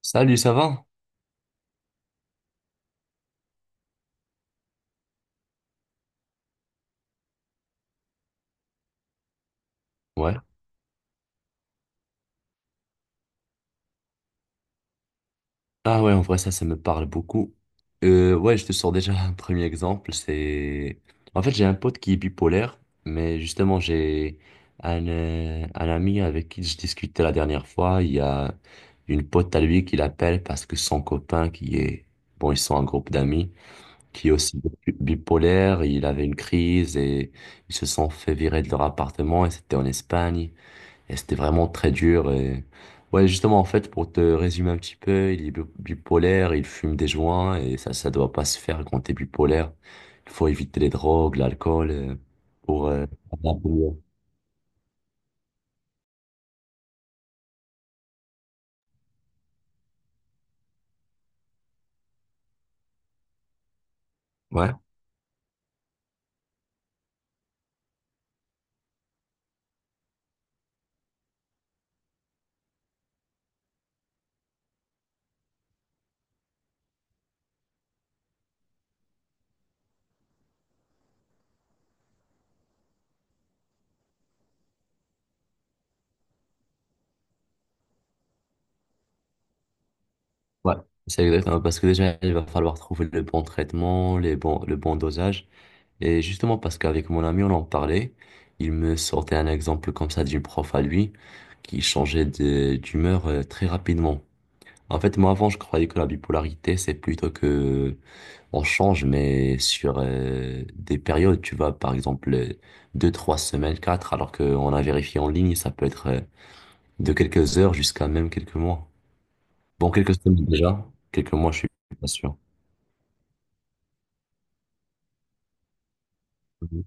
Salut, ça va? Ouais. Ah ouais, en vrai, ça me parle beaucoup. Ouais, je te sors déjà un premier exemple. C'est... En fait, j'ai un pote qui est bipolaire, mais justement, j'ai un ami avec qui je discutais la dernière fois. Il y a une pote à lui qui l'appelle parce que son copain qui est... Bon, ils sont un groupe d'amis qui est aussi bipolaire. Il avait une crise et ils se sont fait virer de leur appartement et c'était en Espagne. Et c'était vraiment très dur. Et... Ouais, justement, en fait, pour te résumer un petit peu, il est bipolaire, il fume des joints et ça doit pas se faire quand t'es bipolaire. Il faut éviter les drogues, l'alcool, pour avoir un peu mieux. Ouais, ouais, c'est exactement parce que déjà, il va falloir trouver le bon traitement, les bons, le bon dosage. Et justement, parce qu'avec mon ami, on en parlait, il me sortait un exemple comme ça d'une prof à lui qui changeait d'humeur, très rapidement. En fait, moi, avant, je croyais que la bipolarité, c'est plutôt que on change, mais sur des périodes, tu vois, par exemple, deux, trois semaines, quatre, alors qu'on a vérifié en ligne, ça peut être de quelques heures jusqu'à même quelques mois. Bon, quelques semaines déjà, quelques mois, je suis pas sûr. Mhm.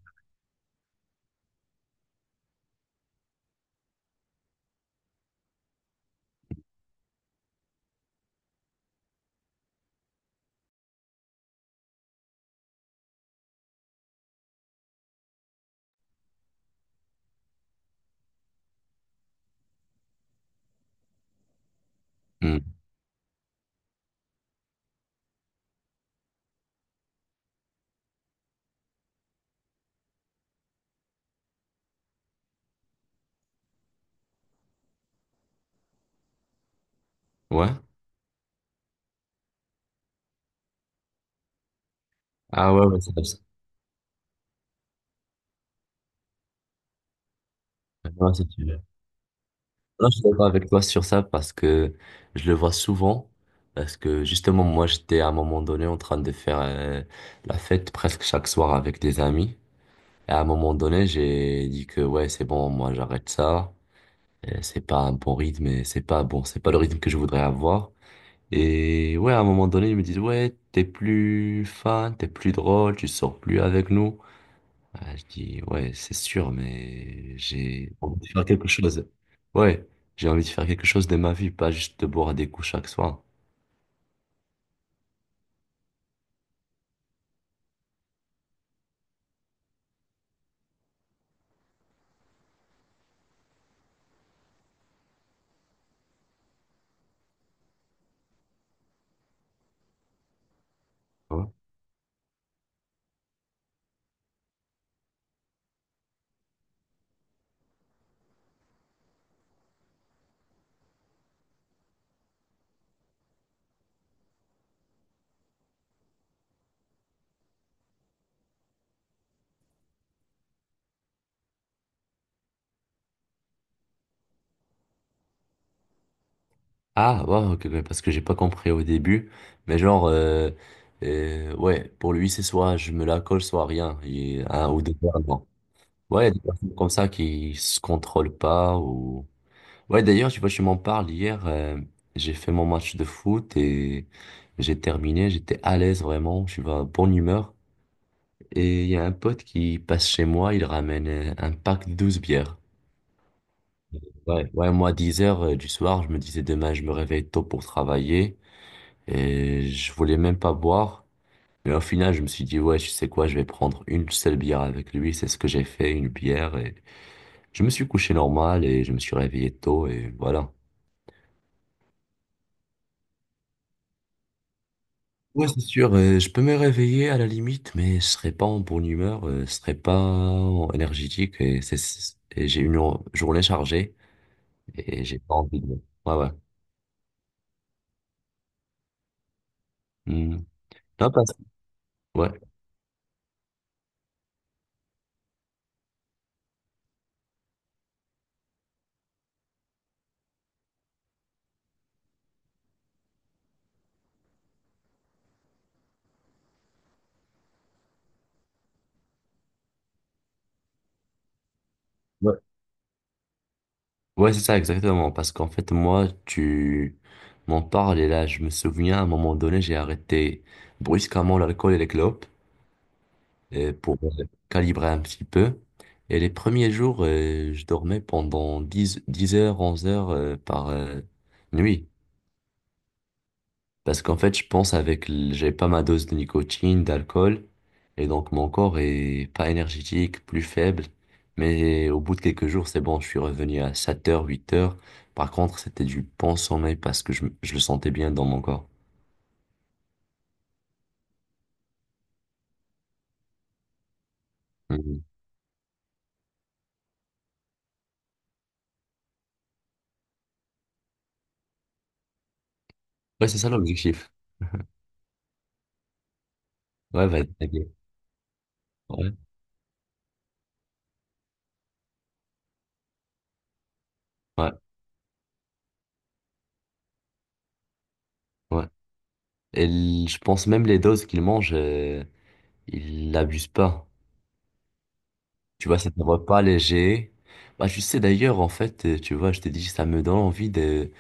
Hmm. Ouais. Ah ouais, ouais, c'est comme ça. Ouais, c'est sûr. Là, je suis d'accord avec toi sur ça parce que je le vois souvent. Parce que justement, moi, j'étais à un moment donné en train de faire la fête presque chaque soir avec des amis. Et à un moment donné, j'ai dit que ouais, c'est bon, moi j'arrête ça. Et c'est pas un bon rythme et c'est pas bon, c'est pas le rythme que je voudrais avoir. Et ouais, à un moment donné, ils me disent ouais, t'es plus fun, t'es plus drôle, tu sors plus avec nous. Ah, je dis ouais, c'est sûr, mais j'ai envie de faire quelque chose. Ouais, j'ai envie de faire quelque chose de ma vie, pas juste de boire des coups chaque soir. Ah, ouais, ok, ok, parce que j'ai pas compris au début. Mais genre, ouais, pour lui, c'est soit je me la colle, soit rien. Un ou deux fois, non. Ouais, il y a des personnes comme ça qui se contrôlent pas ou... Ouais, d'ailleurs, tu vois, je m'en parle hier. J'ai fait mon match de foot et j'ai terminé. J'étais à l'aise vraiment. Je suis en bonne humeur. Et il y a un pote qui passe chez moi. Il ramène un pack de 12 bières. Ouais, ouais, moi, 10 heures du soir, je me disais demain, je me réveille tôt pour travailler. Et je voulais même pas boire. Mais au final, je me suis dit, ouais, tu sais quoi, je vais prendre une seule bière avec lui. C'est ce que j'ai fait, une bière. Et je me suis couché normal et je me suis réveillé tôt et voilà. Ouais, c'est sûr. Je peux me réveiller à la limite, mais je serai pas en bonne humeur, je serai pas énergétique et j'ai une journée chargée et j'ai pas envie de. Ouais, ouais. Hmm. Non. Ouais. Ouais, c'est ça, exactement. Parce qu'en fait, moi, tu m'en parles et là, je me souviens, à un moment donné, j'ai arrêté brusquement l'alcool et les clopes pour calibrer un petit peu. Et les premiers jours, je dormais pendant dix heures, 11 heures par nuit. Parce qu'en fait, je pense avec, j'ai pas ma dose de nicotine, d'alcool, et donc mon corps est pas énergétique, plus faible. Mais au bout de quelques jours, c'est bon, je suis revenu à 7 heures, 8 heures. Par contre, c'était du bon sommeil parce que je le sentais bien dans mon corps. Mhm. Ouais, c'est ça l'objectif. Ouais, va être tagué. Ouais, ouais, ouais. Et je pense même les doses qu'il mange, il l'abuse pas. Tu vois, c'est un repas léger. Bah, tu sais, d'ailleurs, en fait, tu vois, je t'ai dit, ça me donne envie de,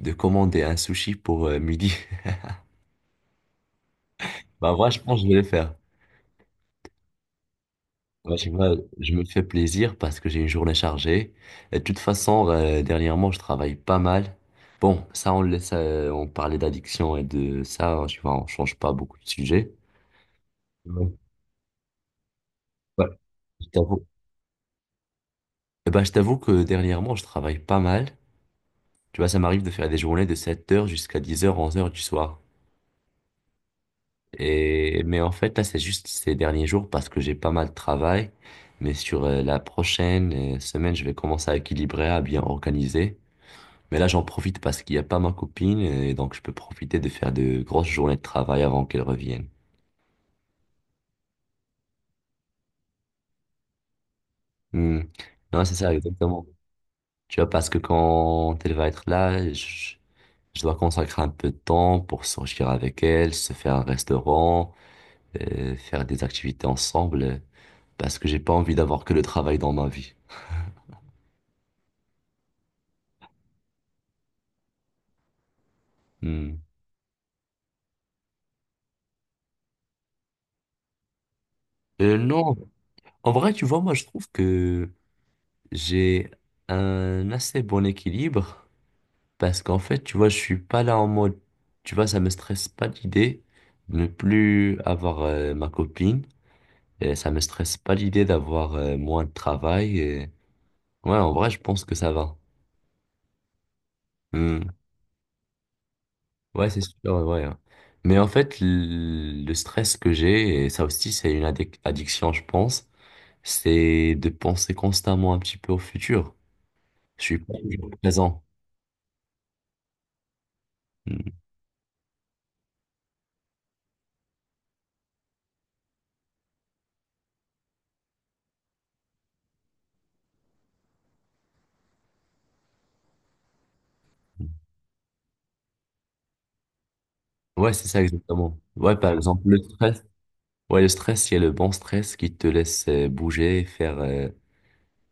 de commander un sushi pour midi. Bah, moi, je pense que je vais le faire. Moi, tu vois, je me fais plaisir parce que j'ai une journée chargée. Et de toute façon, dernièrement, je travaille pas mal. Bon, ça, on le laisse, on parlait d'addiction et de ça, hein, tu vois, on change pas beaucoup de sujets. Ouais. Ouais. Je t'avoue. Eh ben, je t'avoue que dernièrement, je travaille pas mal. Tu vois, ça m'arrive de faire des journées de 7 heures jusqu'à 10 heures 11 heures du soir. Et, mais en fait, là, c'est juste ces derniers jours parce que j'ai pas mal de travail. Mais sur la prochaine semaine, je vais commencer à équilibrer, à bien organiser. Mais là, j'en profite parce qu'il n'y a pas ma copine et donc je peux profiter de faire de grosses journées de travail avant qu'elle revienne. Hmm. Non, c'est ça, exactement. Tu vois, parce que quand elle va être là, je dois consacrer un peu de temps pour sortir avec elle, se faire un restaurant, faire des activités ensemble, parce que j'ai pas envie d'avoir que le travail dans ma vie. Hmm. Non, en vrai, tu vois, moi, je trouve que j'ai un assez bon équilibre parce qu'en fait, tu vois, je suis pas là en mode, tu vois, ça me stresse pas l'idée de ne plus avoir ma copine et ça me stresse pas l'idée d'avoir moins de travail. Ouais, en vrai, je pense que ça va. Hmm. Ouais, c'est sûr, ouais. Ouais. Ouais. Mais en fait, le stress que j'ai, et ça aussi, c'est une addiction, je pense, c'est de penser constamment un petit peu au futur. Je suis pas toujours présent. Mm. Ouais, c'est ça exactement. Ouais, par exemple, le stress. Ouais, le stress, il y a le bon stress qui te laisse bouger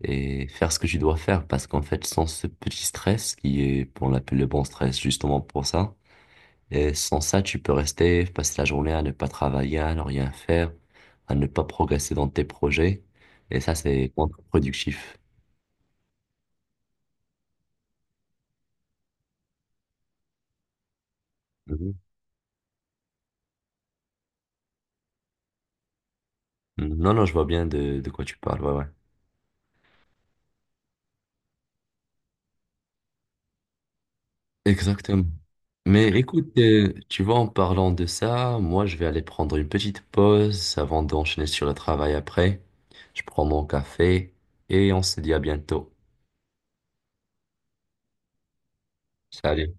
et faire ce que tu dois faire. Parce qu'en fait, sans ce petit stress, qui est, on l'appelle le bon stress justement pour ça, et sans ça, tu peux rester, passer la journée à ne pas travailler, à ne rien faire, à ne pas progresser dans tes projets. Et ça, c'est contre-productif. Mhm. Mm, non, non, je vois bien de quoi tu parles. Ouais, ouais. Exactement. Mais écoute, tu vois, en parlant de ça, moi, je vais aller prendre une petite pause avant d'enchaîner sur le travail après. Je prends mon café et on se dit à bientôt. Salut.